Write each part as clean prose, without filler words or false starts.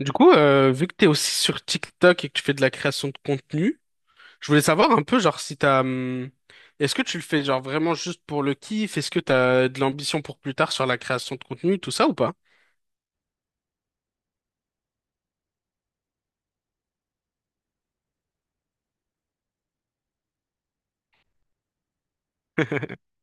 Du coup, vu que t'es aussi sur TikTok et que tu fais de la création de contenu, je voulais savoir un peu, genre, si t'as, est-ce que tu le fais genre vraiment juste pour le kiff? Est-ce que t'as de l'ambition pour plus tard sur la création de contenu, tout ça ou pas?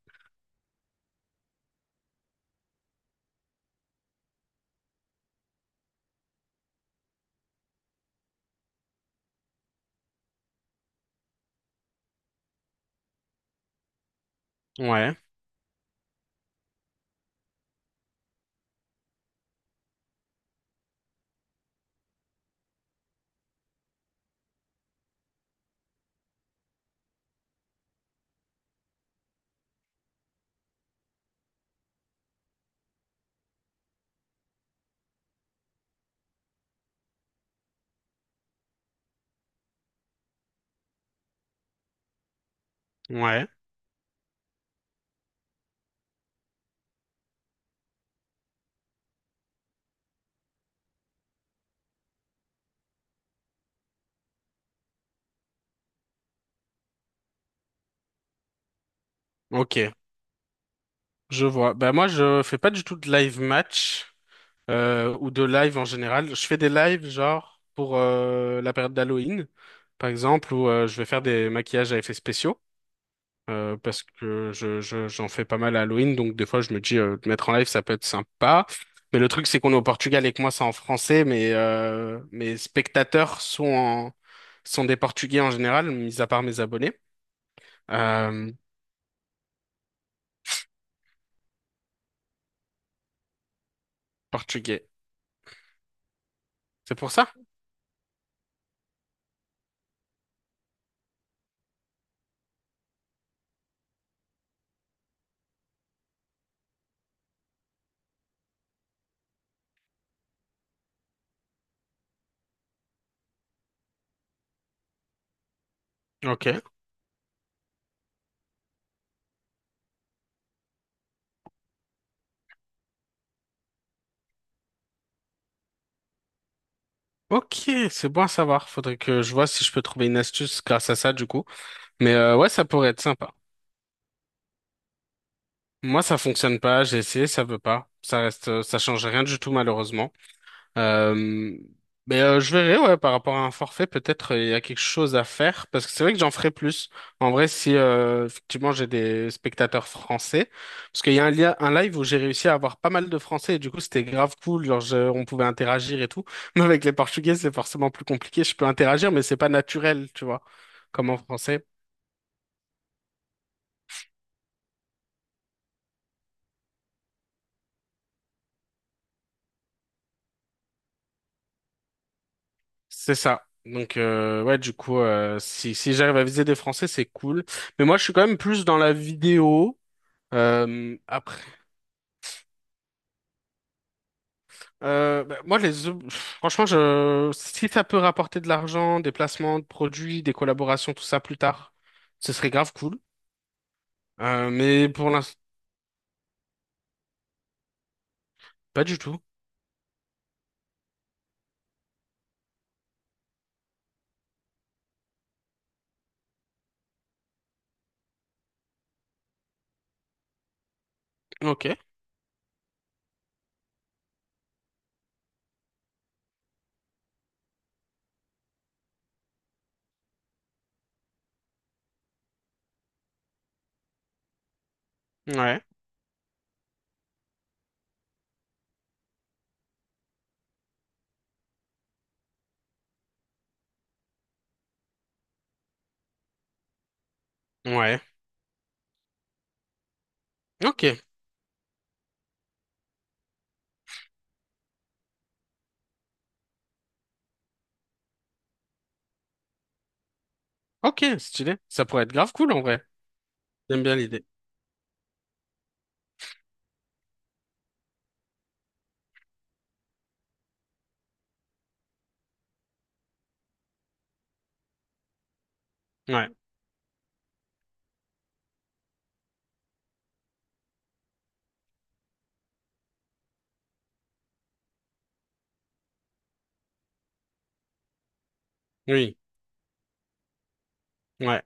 Ouais, ouais, ok, je vois. Bah moi, je fais pas du tout de live match ou de live en général. Je fais des lives genre pour la période d'Halloween, par exemple, où je vais faire des maquillages à effets spéciaux. Parce que j'en fais pas mal à Halloween, donc des fois je me dis de mettre en live ça peut être sympa. Mais le truc c'est qu'on est au Portugal et que moi c'est en français, mais mes spectateurs sont des Portugais en général, mis à part mes abonnés. Euh, Portugais. C'est pour ça? Ok. Ok, c'est bon à savoir. Faudrait que je vois si je peux trouver une astuce grâce à ça du coup. Mais ouais, ça pourrait être sympa. Moi, ça fonctionne pas, j'ai essayé, ça veut pas. Ça reste, ça change rien du tout malheureusement. Euh, mais je verrai, ouais, par rapport à un forfait, peut-être il y a quelque chose à faire, parce que c'est vrai que j'en ferai plus. En vrai, si effectivement j'ai des spectateurs français, parce qu'il y a un live où j'ai réussi à avoir pas mal de français, et du coup c'était grave cool, genre on pouvait interagir et tout. Mais avec les portugais, c'est forcément plus compliqué, je peux interagir, mais c'est pas naturel, tu vois, comme en français. C'est ça. Donc ouais, du coup, si j'arrive à viser des français, c'est cool. Mais moi, je suis quand même plus dans la vidéo. Euh, bah, moi, franchement, si ça peut rapporter de l'argent, des placements de produits, des collaborations, tout ça plus tard, ce serait grave cool. Mais pour l'instant, pas du tout. Ok. Ouais. Ouais. Ok. Ok. Stylé. Ça pourrait être grave cool en vrai. J'aime bien l'idée. Ouais. Oui. Ouais.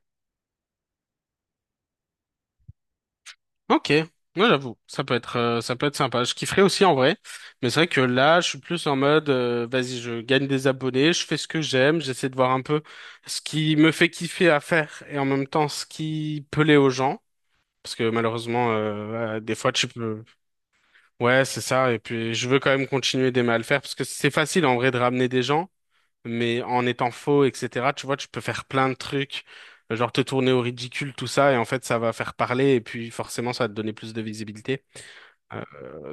Ok, moi j'avoue, ça peut être sympa. Je kifferais aussi en vrai, mais c'est vrai que là, je suis plus en mode vas-y, je gagne des abonnés, je fais ce que j'aime, j'essaie de voir un peu ce qui me fait kiffer à faire et en même temps ce qui plaît aux gens. Parce que malheureusement, des fois, tu peux... Ouais, c'est ça. Et puis, je veux quand même continuer d'aimer à le faire parce que c'est facile en vrai de ramener des gens, mais en étant faux, etc., tu vois, tu peux faire plein de trucs, genre te tourner au ridicule, tout ça, et en fait, ça va faire parler et puis forcément, ça va te donner plus de visibilité.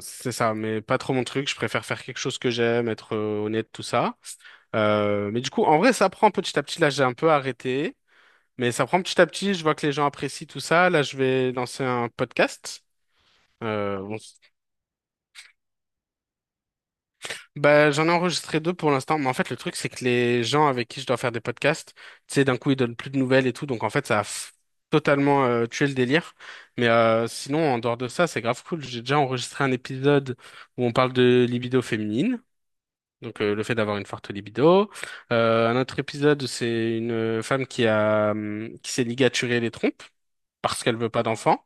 C'est ça, mais pas trop mon truc. Je préfère faire quelque chose que j'aime, être honnête, tout ça. Mais du coup, en vrai, ça prend petit à petit. Là, j'ai un peu arrêté, mais ça prend petit à petit. Je vois que les gens apprécient tout ça. Là, je vais lancer un podcast. Bon, bah, j'en ai enregistré deux pour l'instant, mais en fait, le truc, c'est que les gens avec qui je dois faire des podcasts, tu sais, d'un coup, ils donnent plus de nouvelles et tout, donc en fait, totalement tué le délire. Mais sinon, en dehors de ça, c'est grave cool. J'ai déjà enregistré un épisode où on parle de libido féminine. Donc le fait d'avoir une forte libido. Un autre épisode, c'est une femme qui s'est ligaturée les trompes parce qu'elle veut pas d'enfant.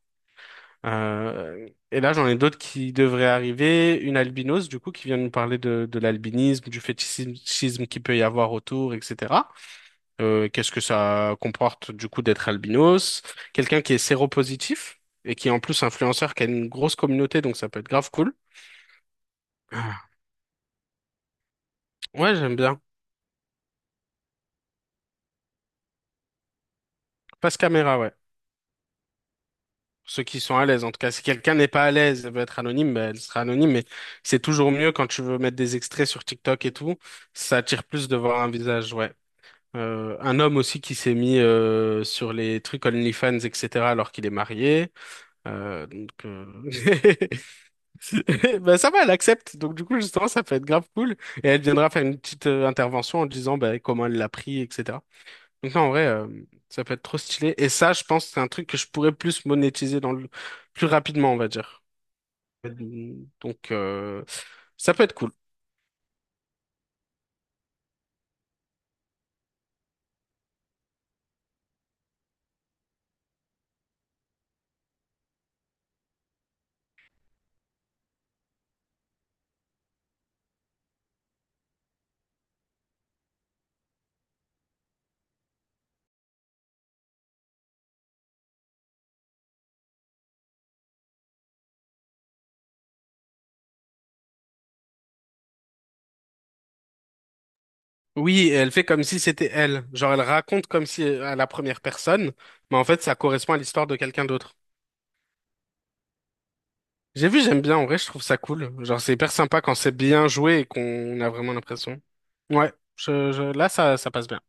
Et là, j'en ai d'autres qui devraient arriver. Une albinos, du coup, qui vient nous parler de l'albinisme, du fétichisme qu'il peut y avoir autour, etc. Qu'est-ce que ça comporte, du coup, d'être albinos? Quelqu'un qui est séropositif et qui est en plus influenceur, qui a une grosse communauté, donc ça peut être grave cool. Ah, ouais, j'aime bien. Passe caméra, ouais. Ceux qui sont à l'aise. En tout cas, si quelqu'un n'est pas à l'aise, elle veut être anonyme, ben, elle sera anonyme. Mais c'est toujours mieux quand tu veux mettre des extraits sur TikTok et tout. Ça attire plus de voir un visage, ouais. Un homme aussi qui s'est mis sur les trucs OnlyFans, etc., alors qu'il est marié. Donc, ben, ça va, elle accepte. Donc, du coup, justement, ça peut être grave cool. Et elle viendra faire une petite intervention en disant ben, comment elle l'a pris, etc. Donc non, en vrai, ça peut être trop stylé. Et ça, je pense que c'est un truc que je pourrais plus monétiser plus rapidement, on va dire. Donc, ça peut être cool. Oui, et elle fait comme si c'était elle. Genre, elle raconte comme si à la première personne, mais en fait, ça correspond à l'histoire de quelqu'un d'autre. J'ai vu, j'aime bien. En vrai, je trouve ça cool. Genre, c'est hyper sympa quand c'est bien joué et qu'on a vraiment l'impression. Ouais, là, ça passe bien.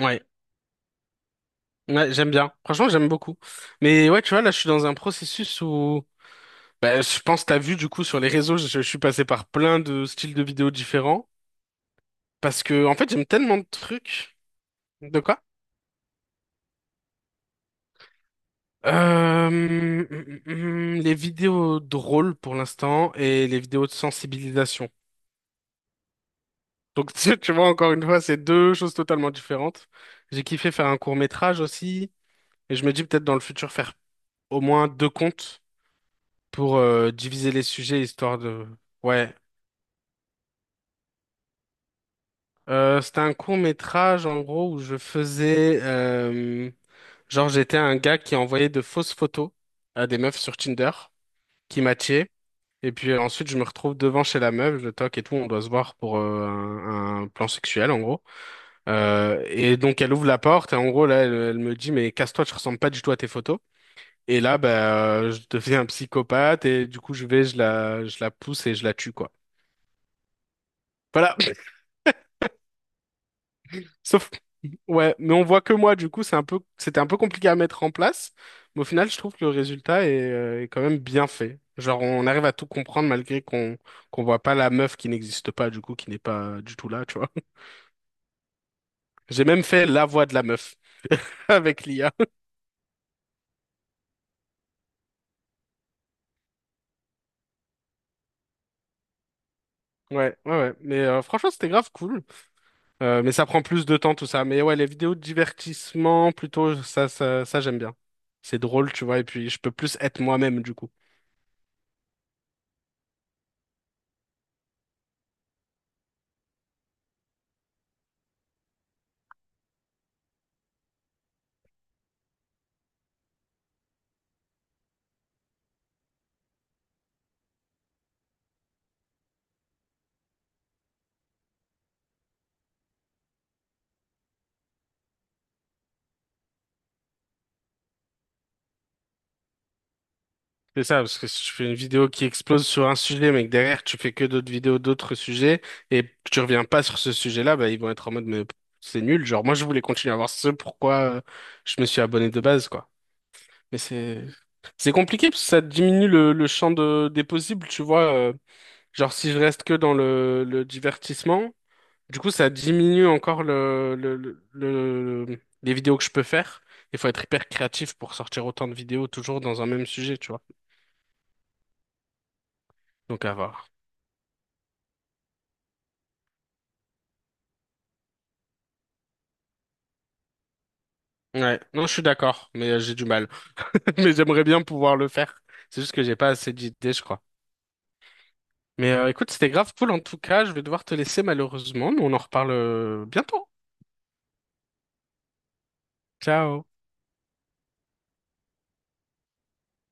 Ouais, ouais, j'aime bien. Franchement, j'aime beaucoup. Mais ouais, tu vois, là, je suis dans un processus où bah, je pense que t'as vu du coup sur les réseaux, je suis passé par plein de styles de vidéos différents parce que en fait j'aime tellement de trucs. De quoi? Les vidéos drôles pour l'instant et les vidéos de sensibilisation. Donc tu vois encore une fois, c'est deux choses totalement différentes. J'ai kiffé faire un court-métrage aussi et je me dis peut-être dans le futur faire au moins deux comptes pour diviser les sujets histoire de ouais. C'était un court-métrage, en gros, où genre, j'étais un gars qui envoyait de fausses photos à des meufs sur Tinder, qui matchaient. Et puis ensuite, je me retrouve devant chez la meuf, je toque et tout, on doit se voir pour un plan sexuel, en gros. Et donc, elle ouvre la porte, et en gros, là, elle me dit, mais casse-toi, tu ressembles pas du tout à tes photos. Et là, bah, je deviens un psychopathe, et du coup, je la pousse et je la tue, quoi. Voilà. Sauf, ouais, mais on voit que moi, du coup, c'était un peu compliqué à mettre en place, mais au final, je trouve que le résultat est quand même bien fait. Genre, on arrive à tout comprendre malgré qu'on voit pas la meuf qui n'existe pas, du coup, qui n'est pas du tout là, tu vois. J'ai même fait la voix de la meuf avec l'IA. Ouais, ouais, ouais. Mais franchement, c'était grave cool. Mais ça prend plus de temps, tout ça. Mais ouais, les vidéos de divertissement, plutôt, ça, j'aime bien. C'est drôle, tu vois, et puis je peux plus être moi-même, du coup. C'est ça, parce que si tu fais une vidéo qui explose sur un sujet, mais que derrière tu fais que d'autres vidéos d'autres sujets, et que tu reviens pas sur ce sujet-là, bah ils vont être en mode mais c'est nul. Genre moi je voulais continuer à voir ce pourquoi je me suis abonné de base, quoi. Mais c'est compliqué parce que ça diminue le champ des possibles, tu vois. Genre si je reste que dans le divertissement, du coup ça diminue encore les vidéos que je peux faire. Il faut être hyper créatif pour sortir autant de vidéos toujours dans un même sujet, tu vois. Donc à voir. Ouais, non, je suis d'accord, mais j'ai du mal. Mais j'aimerais bien pouvoir le faire. C'est juste que j'ai pas assez d'idées, je crois. Mais écoute, c'était grave cool en tout cas. Je vais devoir te laisser malheureusement, mais on en reparle bientôt. Ciao.